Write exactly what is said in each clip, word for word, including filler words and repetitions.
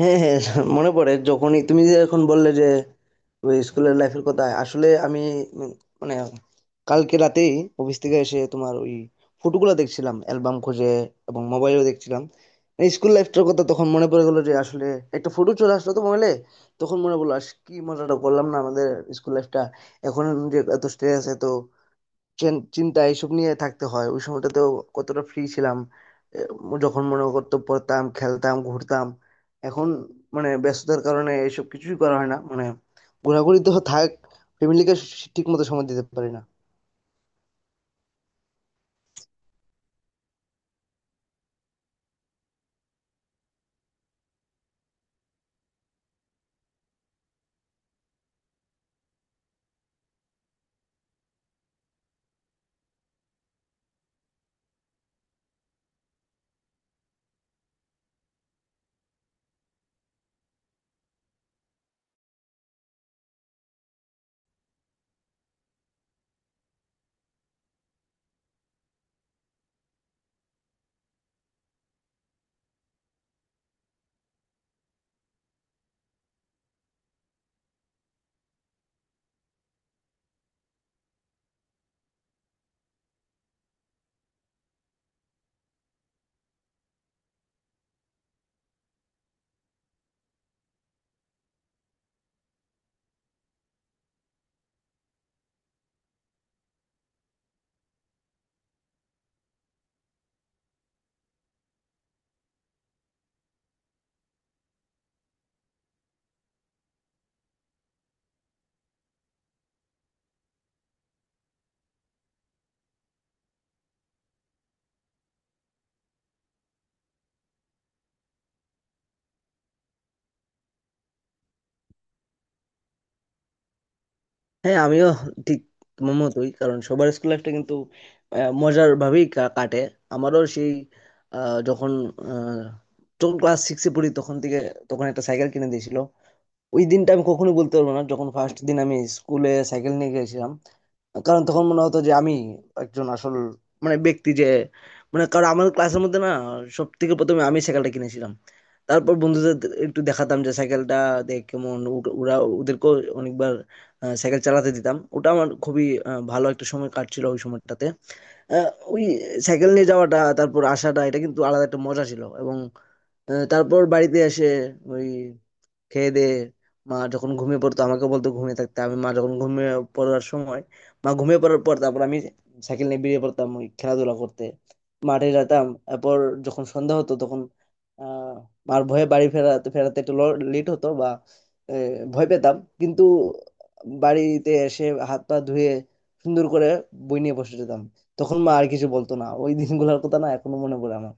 হ্যাঁ, হ্যাঁ, মনে পড়ে। যখনই তুমি যে এখন বললে যে ওই স্কুলের লাইফের কথা, আসলে আমি উম মানে কালকে রাতেই অফিস থেকে এসে তোমার ওই ফটোগুলো দেখছিলাম অ্যালবাম খুঁজে, এবং মোবাইলেও দেখছিলাম। এই স্কুল লাইফটার কথা তখন মনে পড়ে গেলো যে আসলে একটা ফটো চলে আসলো তো মোবাইলে, তখন মনে পড়লো আস কি মজাটা করলাম না আমাদের স্কুল লাইফটা। এখন যে এত স্ট্রেস, এত চেন- চিন্তা এইসব নিয়ে থাকতে হয়, ওই সময়টাতেও কতটা ফ্রি ছিলাম। এ, যখন মনে করতো পড়তাম, খেলতাম, ঘুরতাম। এখন মানে ব্যস্ততার কারণে এসব কিছুই করা হয় না, মানে ঘোরাঘুরি তো থাক, ফ্যামিলিকে ঠিক মতো সময় দিতে পারি না। হ্যাঁ, আমিও ঠিক তোমার মতোই, কারণ সবার স্কুল লাইফটা কিন্তু আহ, মজার ভাবেই কা- কাটে। আমারও সেই আহ, যখন আহ, যখন ক্লাস সিক্সে পড়ি তখন থেকে, তখন একটা সাইকেল কিনে দিয়েছিল। ওই দিনটা আমি কখনোই বলতে পারবো না, যখন ফার্স্ট দিন আমি স্কুলে সাইকেল নিয়ে গেছিলাম। কারণ তখন মনে হতো যে আমি একজন আসল মানে ব্যক্তি যে, মানে কারণ আমার ক্লাসের মধ্যে না সব থেকে প্রথমে আমি সাইকেলটা কিনেছিলাম। তারপর বন্ধুদের একটু দেখাতাম যে সাইকেলটা, দেখ কেমন। ও- ওরা, ওদেরকেও অনেকবার আহ, সাইকেল চালাতে দিতাম। ওটা আমার খুবই আহ, ভালো একটা সময় কাটছিল ওই সময়টাতে। আহ, ওই সাইকেল নিয়ে যাওয়াটা তারপর আসাটা এটা কিন্তু আলাদা একটা মজা ছিল। এবং আহ, তারপর বাড়িতে এসে ওই খেয়ে দেয়ে, মা যখন ঘুমিয়ে পড়তো, আমাকে বলতো ঘুমিয়ে থাকতে। আমি মা যখন ঘুমিয়ে পড়ার সময়, মা ঘুমিয়ে পড়ার পর তারপর আমি সাইকেল নিয়ে বেরিয়ে পড়তাম ওই খেলাধুলা করতে, মাঠে যেতাম। এরপর যখন সন্ধ্যা হতো, তখন আহ মার ভয়ে বাড়ি ফেরাতে ফেরাতে একটু লেট হতো, বা আহ, ভয় পেতাম। কিন্তু বাড়িতে এসে হাত পা ধুয়ে সুন্দর করে বই নিয়ে বসে যেতাম, তখন মা আর কিছু বলতো না। ওই দিনগুলোর কথা না এখনো মনে পড়ে আমার।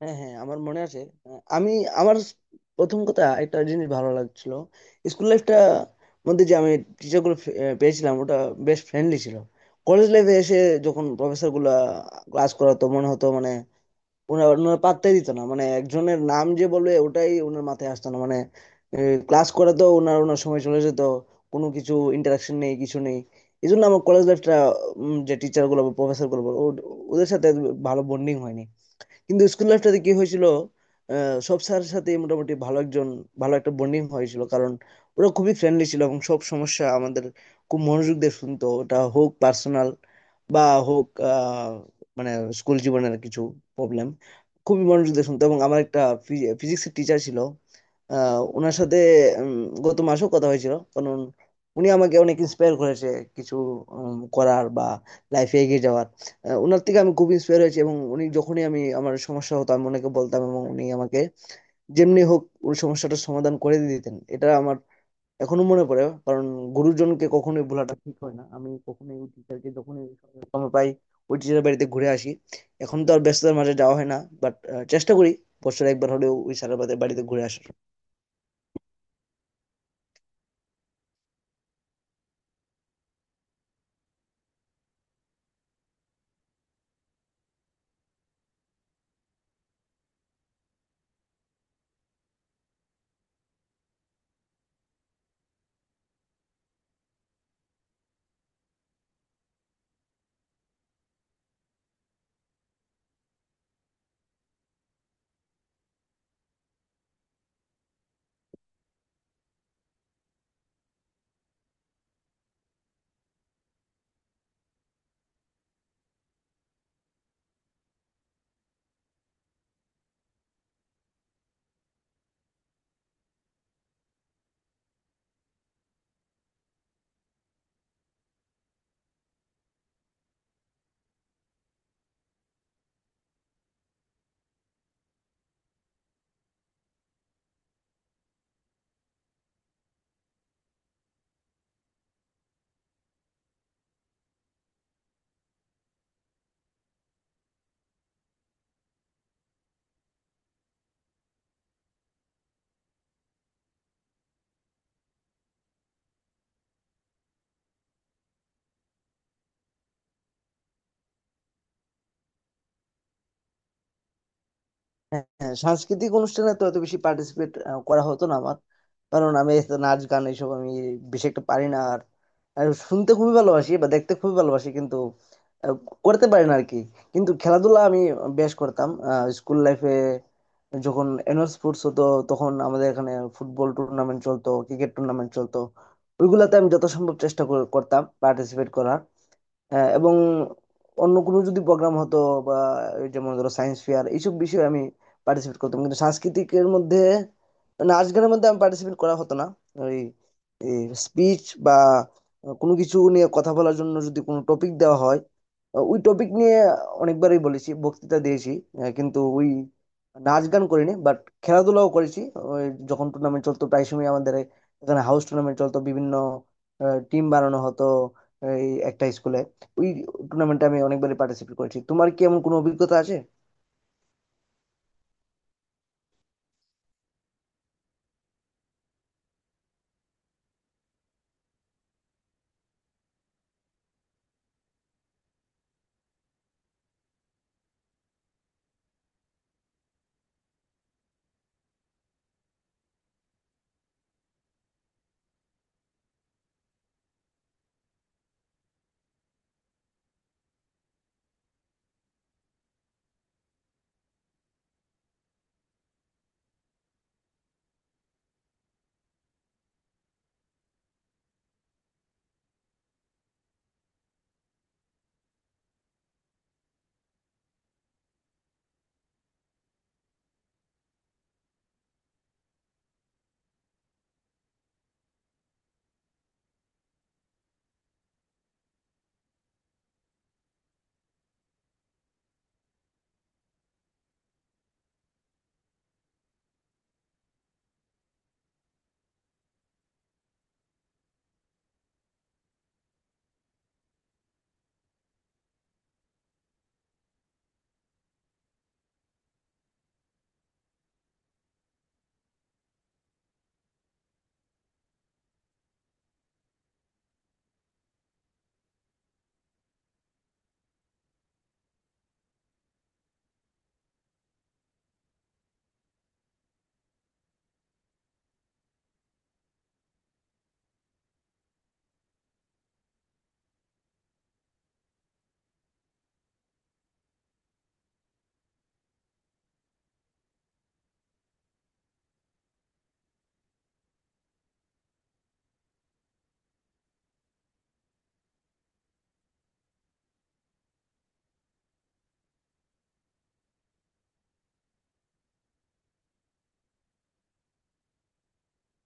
হ্যাঁ, হ্যাঁ, আমার মনে আছে। আহ, আমি আমার প্রথম কথা একটা জিনিস ভালো লাগছিল স্কুল লাইফটা মধ্যে, যে আমি টিচার গুলো ফে- আহ, পেয়েছিলাম, ওটা বেশ ফ্রেন্ডলি ছিল। কলেজ লাইফে এসে যখন প্রফেসর গুলা ক্লাস করাতো, মনে হতো মানে ওনারা ওনারা পাত্তাই দিত না। মানে একজনের নাম যে বলবে ওটাই ওনার মাথায় আসতো না, মানে ক্লাস করাতো, ওনার ওনার সময় চলে যেত, কোনো কিছু ইন্টারাকশন নেই, কিছু নেই। এই জন্য আমার কলেজ লাইফটা, যে টিচার গুলো বা প্রফেসর গুলো বলো, ও- ওদের সাথে ভালো বন্ডিং হয়নি। কিন্তু স্কুল লাইফটাতে কি হয়েছিল, আহ, সব স্যারের সাথে মোটামুটি ভালো একজন ভালো একটা বন্ডিং হয়েছিল, কারণ ওরা খুবই ফ্রেন্ডলি ছিল। এবং সব সমস্যা আমাদের খুব মনোযোগ দিয়ে শুনতো, ওটা হোক পার্সোনাল বা হোক আহ, মানে স্কুল জীবনের কিছু প্রবলেম, খুবই মনোযোগ দিয়ে শুনতো। এবং আমার একটা ফিজিক্সের টিচার ছিল, আহ, ওনার সাথে উম, গত মাসেও কথা হয়েছিল। কারণ উনি আমাকে অনেক ইন্সপায়ার করেছে কিছু উম, করার বা লাইফে এগিয়ে যাওয়ার। আহ, ওনার থেকে আমি খুব ইন্সপায়ার হয়েছি। এবং উনি যখনই আমি আমার সমস্যা হতো আমি ওনাকে বলতাম, এবং উনি আমাকে যেমনি হোক ওই সমস্যাটার সমাধান করে দিতেন। এটা আমার এখনো মনে পড়ে, কারণ গুরুজনকে কখনোই ভোলাটা ঠিক হয় না। আমি কখনোই ওই টিচারকে, যখনই সময় পাই ওই টিচারের বাড়িতে ঘুরে আসি। এখন তো আর ব্যস্ততার মাঝে যাওয়া হয় না, বাট চেষ্টা করি বছরে একবার হলেও ওই স্যারের বাড়িতে বাড়িতে ঘুরে আসার। হ্যাঁ, হ্যাঁ, সাংস্কৃতিক অনুষ্ঠানে তো এত বেশি পার্টিসিপেট করা হতো না আমার। কারণ আমি এত নাচ গান এইসব আমি বেশি একটা পারি না। আর আর শুনতে খুবই ভালোবাসি বা দেখতে খুবই ভালোবাসি, কিন্তু আহ, করতে পারি না আর কি। কিন্তু খেলাধুলা আমি বেশ করতাম স্কুল লাইফে। যখন অ্যানুয়াল স্পোর্টস হতো তখন আমাদের এখানে ফুটবল টুর্নামেন্ট চলতো, ক্রিকেট টুর্নামেন্ট চলতো, ওইগুলাতে আমি যত সম্ভব চেষ্টা কর- করতাম পার্টিসিপেট করার। হ্যাঁ, এবং অন্য কোনো যদি প্রোগ্রাম হতো, বা এই যেমন ধরো সায়েন্স ফেয়ার, এইসব বিষয়ে আমি পার্টিসিপেট করতাম। কিন্তু সাংস্কৃতিকের মধ্যে, নাচ গানের মধ্যে আমি পার্টিসিপেট করা হতো না। ওই স্পিচ বা কোনো কিছু নিয়ে কথা বলার জন্য যদি কোনো টপিক দেওয়া হয়, ওই টপিক নিয়ে অনেকবারই বলেছি, বক্তৃতা দিয়েছি। আহ, কিন্তু ওই নাচ গান করিনি, বাট খেলাধুলাও করেছি। ওই যখন টুর্নামেন্ট চলতো, প্রায় সময় আমাদের এখানে হাউস টুর্নামেন্ট চলতো, বিভিন্ন টিম বানানো হতো এই একটা স্কুলে। ওই টুর্নামেন্টে আমি অনেকবারই পার্টিসিপেট করেছি। তোমার কি এমন কোনো অভিজ্ঞতা আছে?